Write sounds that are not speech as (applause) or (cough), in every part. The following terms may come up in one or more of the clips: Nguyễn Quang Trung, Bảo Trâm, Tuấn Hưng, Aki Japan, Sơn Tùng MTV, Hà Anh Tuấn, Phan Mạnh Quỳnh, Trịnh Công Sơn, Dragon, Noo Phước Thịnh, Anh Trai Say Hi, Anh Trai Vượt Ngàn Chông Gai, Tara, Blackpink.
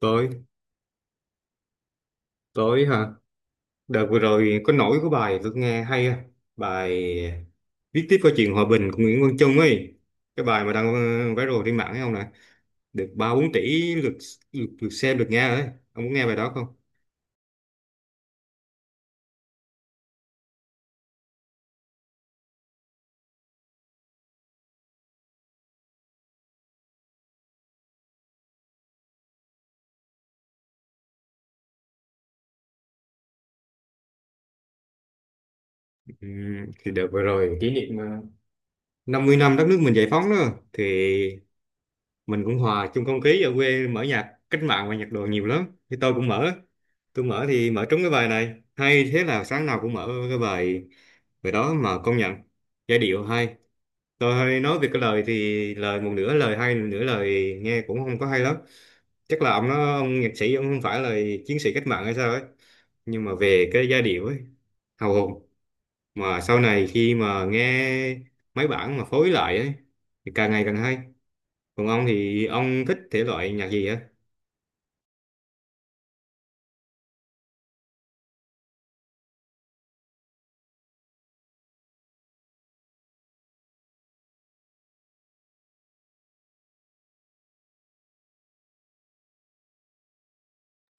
Tối tối hả? Đợt vừa rồi có nổi của bài tôi nghe hay á. Bài viết tiếp câu chuyện hòa bình của Nguyễn Quang Trung ấy. Cái bài mà đang viral trên mạng ấy không nè? Được ba bốn tỷ lượt, lượt xem, lượt nghe ấy. Ông muốn nghe bài đó không? Thì đợt vừa rồi kỷ niệm 50 năm đất nước mình giải phóng đó. Thì mình cũng hòa chung không khí ở quê, mở nhạc cách mạng và nhạc đồ nhiều lắm, thì tôi mở thì mở trúng cái bài này hay, thế là sáng nào cũng mở cái bài bài đó. Mà công nhận giai điệu hay, tôi hay nói về cái lời thì lời một nửa lời hay, một nửa lời nghe cũng không có hay lắm. Chắc là ông nhạc sĩ ông không phải là chiến sĩ cách mạng hay sao ấy, nhưng mà về cái giai điệu ấy hào hùng. Mà sau này khi mà nghe mấy bản mà phối lại ấy thì càng ngày càng hay. Còn ông thì ông thích thể loại nhạc gì á?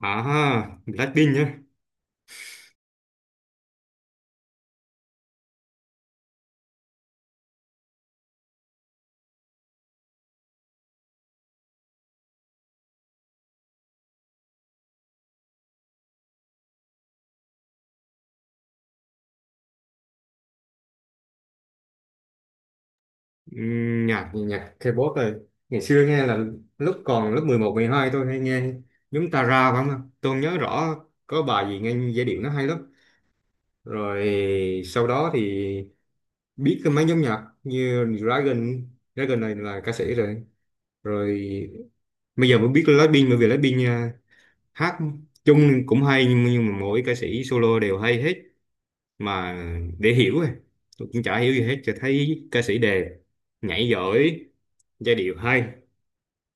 À, Blackpink nhá. Nhạc nhạc K-pop rồi. Ngày xưa nghe là lúc còn lớp mười một mười hai tôi hay nghe nhóm Tara, phải không? Tôi không nhớ rõ, có bài gì nghe giai điệu nó hay lắm. Rồi sau đó thì biết cái mấy nhóm nhạc như Dragon này là ca sĩ rồi. Rồi bây giờ mới biết Blackpink, bởi vì Blackpink à, hát chung cũng hay, nhưng mà mỗi ca sĩ solo đều hay hết. Mà để hiểu ấy. Tôi cũng chả hiểu gì hết, chỉ thấy ca sĩ đẹp, nhảy giỏi, giai điệu hay,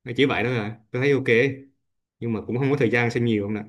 nó chỉ vậy đó à. Tôi thấy ok, nhưng mà cũng không có thời gian xem nhiều không nè.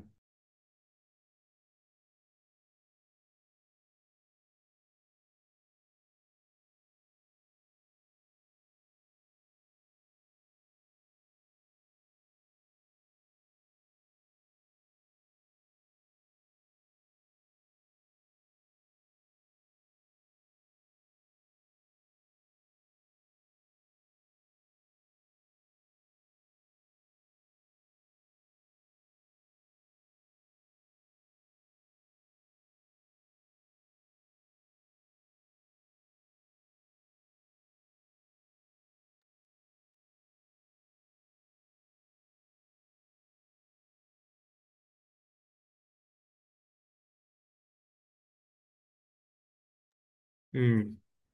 Ừ.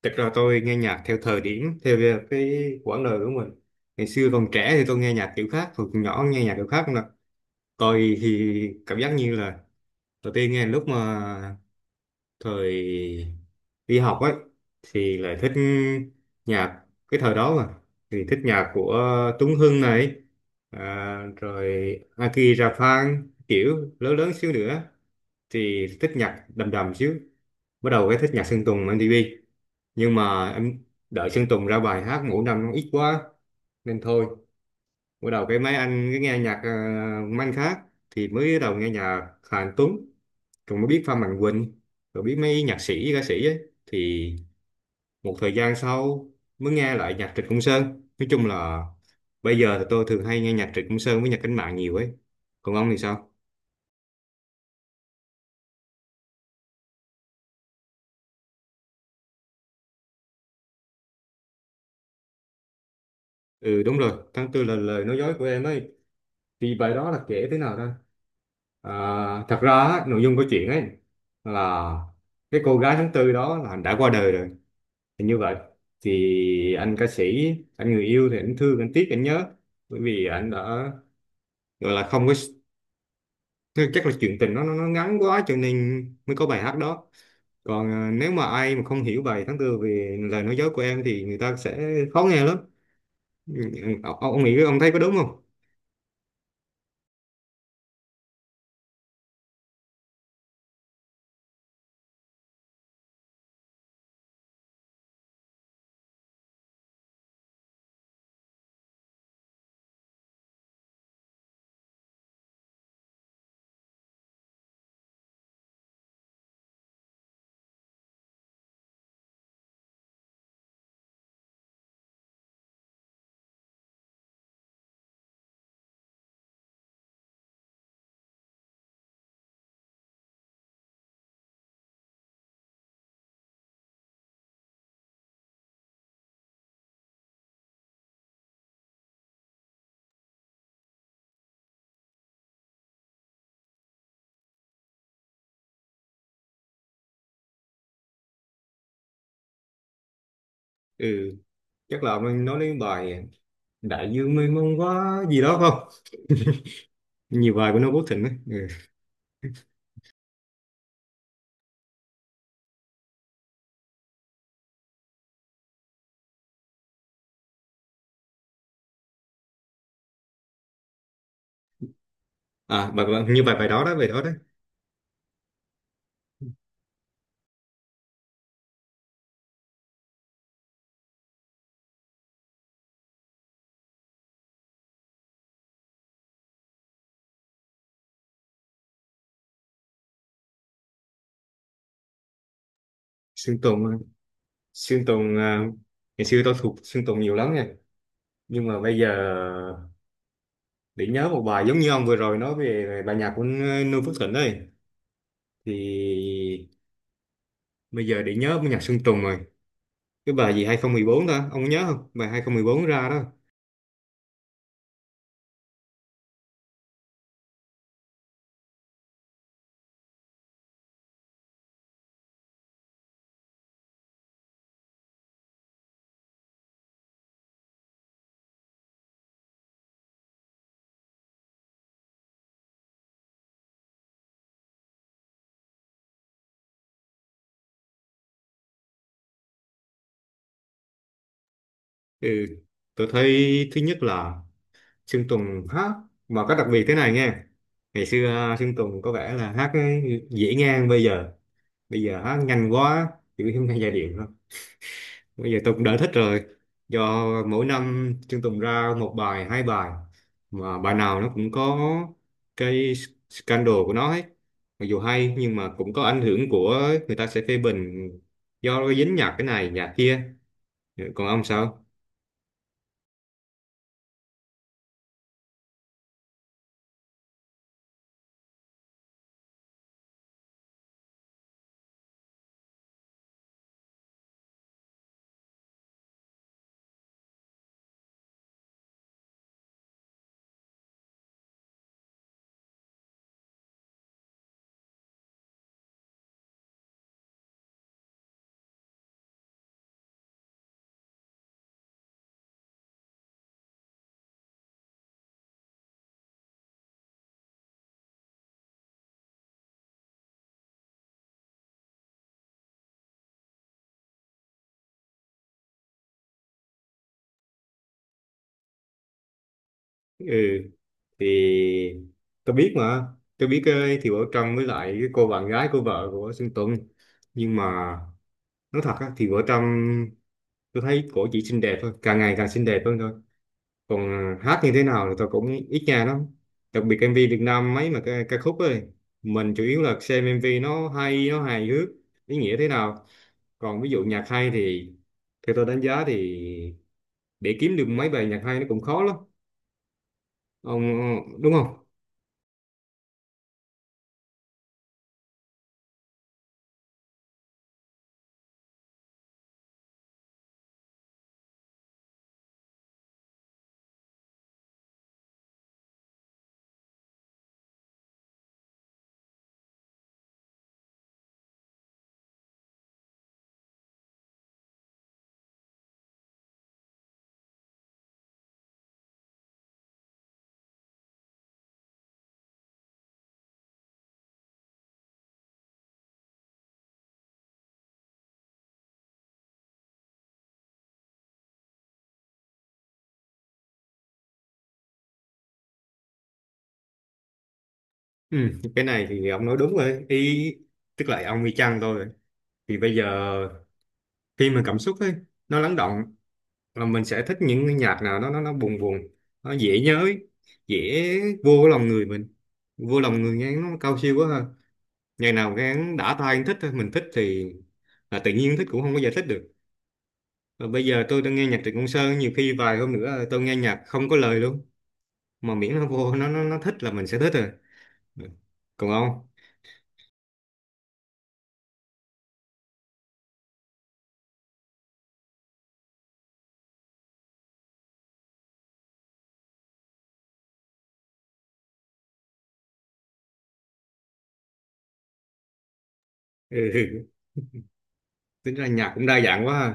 Thật ra tôi nghe nhạc theo thời điểm, theo cái quãng đời của mình. Ngày xưa còn trẻ thì tôi nghe nhạc kiểu khác, hồi còn nhỏ nghe nhạc kiểu khác không nè. Tôi thì cảm giác như là đầu tiên nghe lúc mà thời đi học ấy thì lại thích nhạc cái thời đó mà, thì thích nhạc của Tuấn Hưng này, à, rồi Aki Japan. Kiểu lớn lớn xíu nữa thì thích nhạc đầm đầm xíu, bắt đầu cái thích nhạc Sơn Tùng MTV. Nhưng mà em đợi Sơn Tùng ra bài hát ngủ năm nó ít quá nên thôi, bắt đầu cái mấy anh cái nghe nhạc mấy anh khác. Thì mới bắt đầu nghe nhạc Hà Anh Tuấn, rồi mới biết Phan Mạnh Quỳnh, rồi biết mấy nhạc sĩ ca sĩ ấy. Thì một thời gian sau mới nghe lại nhạc Trịnh Công Sơn. Nói chung là bây giờ thì tôi thường hay nghe nhạc Trịnh Công Sơn với nhạc cách mạng nhiều ấy. Còn ông thì sao? Ừ, đúng rồi, tháng tư là lời nói dối của em ấy. Thì bài đó là kể thế nào ta? À, thật ra á, nội dung câu chuyện ấy là cái cô gái tháng tư đó là đã qua đời rồi. Thì như vậy thì anh ca sĩ, anh người yêu thì anh thương anh tiếc anh nhớ, bởi vì anh đã gọi là không có, chắc là chuyện tình nó ngắn quá cho nên mới có bài hát đó. Còn à, nếu mà ai mà không hiểu bài tháng tư về lời nói dối của em thì người ta sẽ khó nghe lắm. Ừ, ông nghĩ ông thấy có đúng không? Ừ, chắc là mình nói đến bài đại dương mênh mông quá gì đó không? Nhiều bài của Noo Phước Thịnh ấy. Ừ. À bài, bài- như bài bài đó đó, bài đó đấy. Sơn Tùng Sơn Tùng à, ngày xưa tôi thuộc Sơn Tùng nhiều lắm nha, nhưng mà bây giờ để nhớ một bài giống như ông vừa rồi nói về bài nhạc của Noo Phước Thịnh ấy, thì bây giờ để nhớ bài nhạc Sơn Tùng rồi. Cái bài gì 2014 ta, ông nhớ không, bài 2014 ra đó. Ừ. Tôi thấy thứ nhất là Sơn Tùng hát mà có đặc biệt thế này nghe. Ngày xưa à, Sơn Tùng có vẻ là hát dễ ngang, bây giờ hát nhanh quá, chữ không nghe giai điệu. Bây giờ tôi cũng đã thích rồi, do mỗi năm Chương Tùng ra một bài hai bài mà bài nào nó cũng có cái scandal của nó hết. Mặc dù hay nhưng mà cũng có ảnh hưởng của người ta sẽ phê bình, do nó dính nhạc cái này nhạc kia. Ừ, còn ông sao? Ừ, thì tôi biết mà tôi biết ơi, thì Bảo Trâm với lại cái cô bạn gái của vợ của Sơn Tùng. Nhưng mà nói thật á, thì Bảo Trâm tôi thấy cổ chỉ xinh đẹp thôi, càng ngày càng xinh đẹp hơn thôi. Còn à, hát như thế nào thì tôi cũng ít nghe lắm, đặc biệt MV Việt Nam mấy mà ca khúc ấy, mình chủ yếu là xem MV nó hay nó hài hước ý nghĩa thế nào. Còn ví dụ nhạc hay thì theo tôi đánh giá thì để kiếm được mấy bài nhạc hay nó cũng khó lắm. Ông đúng không? Ừ, cái này thì ông nói đúng rồi ý, tức là ông y chang tôi rồi. Thì bây giờ khi mà cảm xúc ấy nó lắng động là mình sẽ thích những cái nhạc nào nó buồn buồn, nó dễ nhớ, dễ vô cái lòng người mình, vô lòng người nghe nó cao siêu quá ha. Ngày nào nghe đã tai thích thôi, mình thích thì là tự nhiên thích, cũng không có giải thích được. Và bây giờ tôi đang nghe nhạc Trịnh Công Sơn, nhiều khi vài hôm nữa tôi nghe nhạc không có lời luôn, mà miễn nó vô nó thích là mình sẽ thích rồi. Ừ. Còn ông? Ừ, (laughs) tính ra nhạc cũng đa dạng quá ha.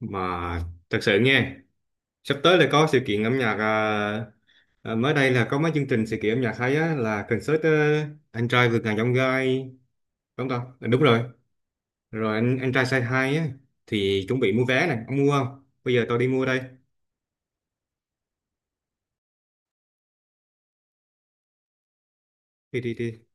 Mà thật sự nghe sắp tới là có sự kiện âm nhạc à, à, mới đây là có mấy chương trình sự kiện âm nhạc hay á, là concert anh trai vượt ngàn chông gai, đúng không ta? Đúng rồi, rồi anh trai say hi á. Thì chuẩn bị mua vé này, ông mua không, bây giờ tôi đi mua đây. Đi đi đi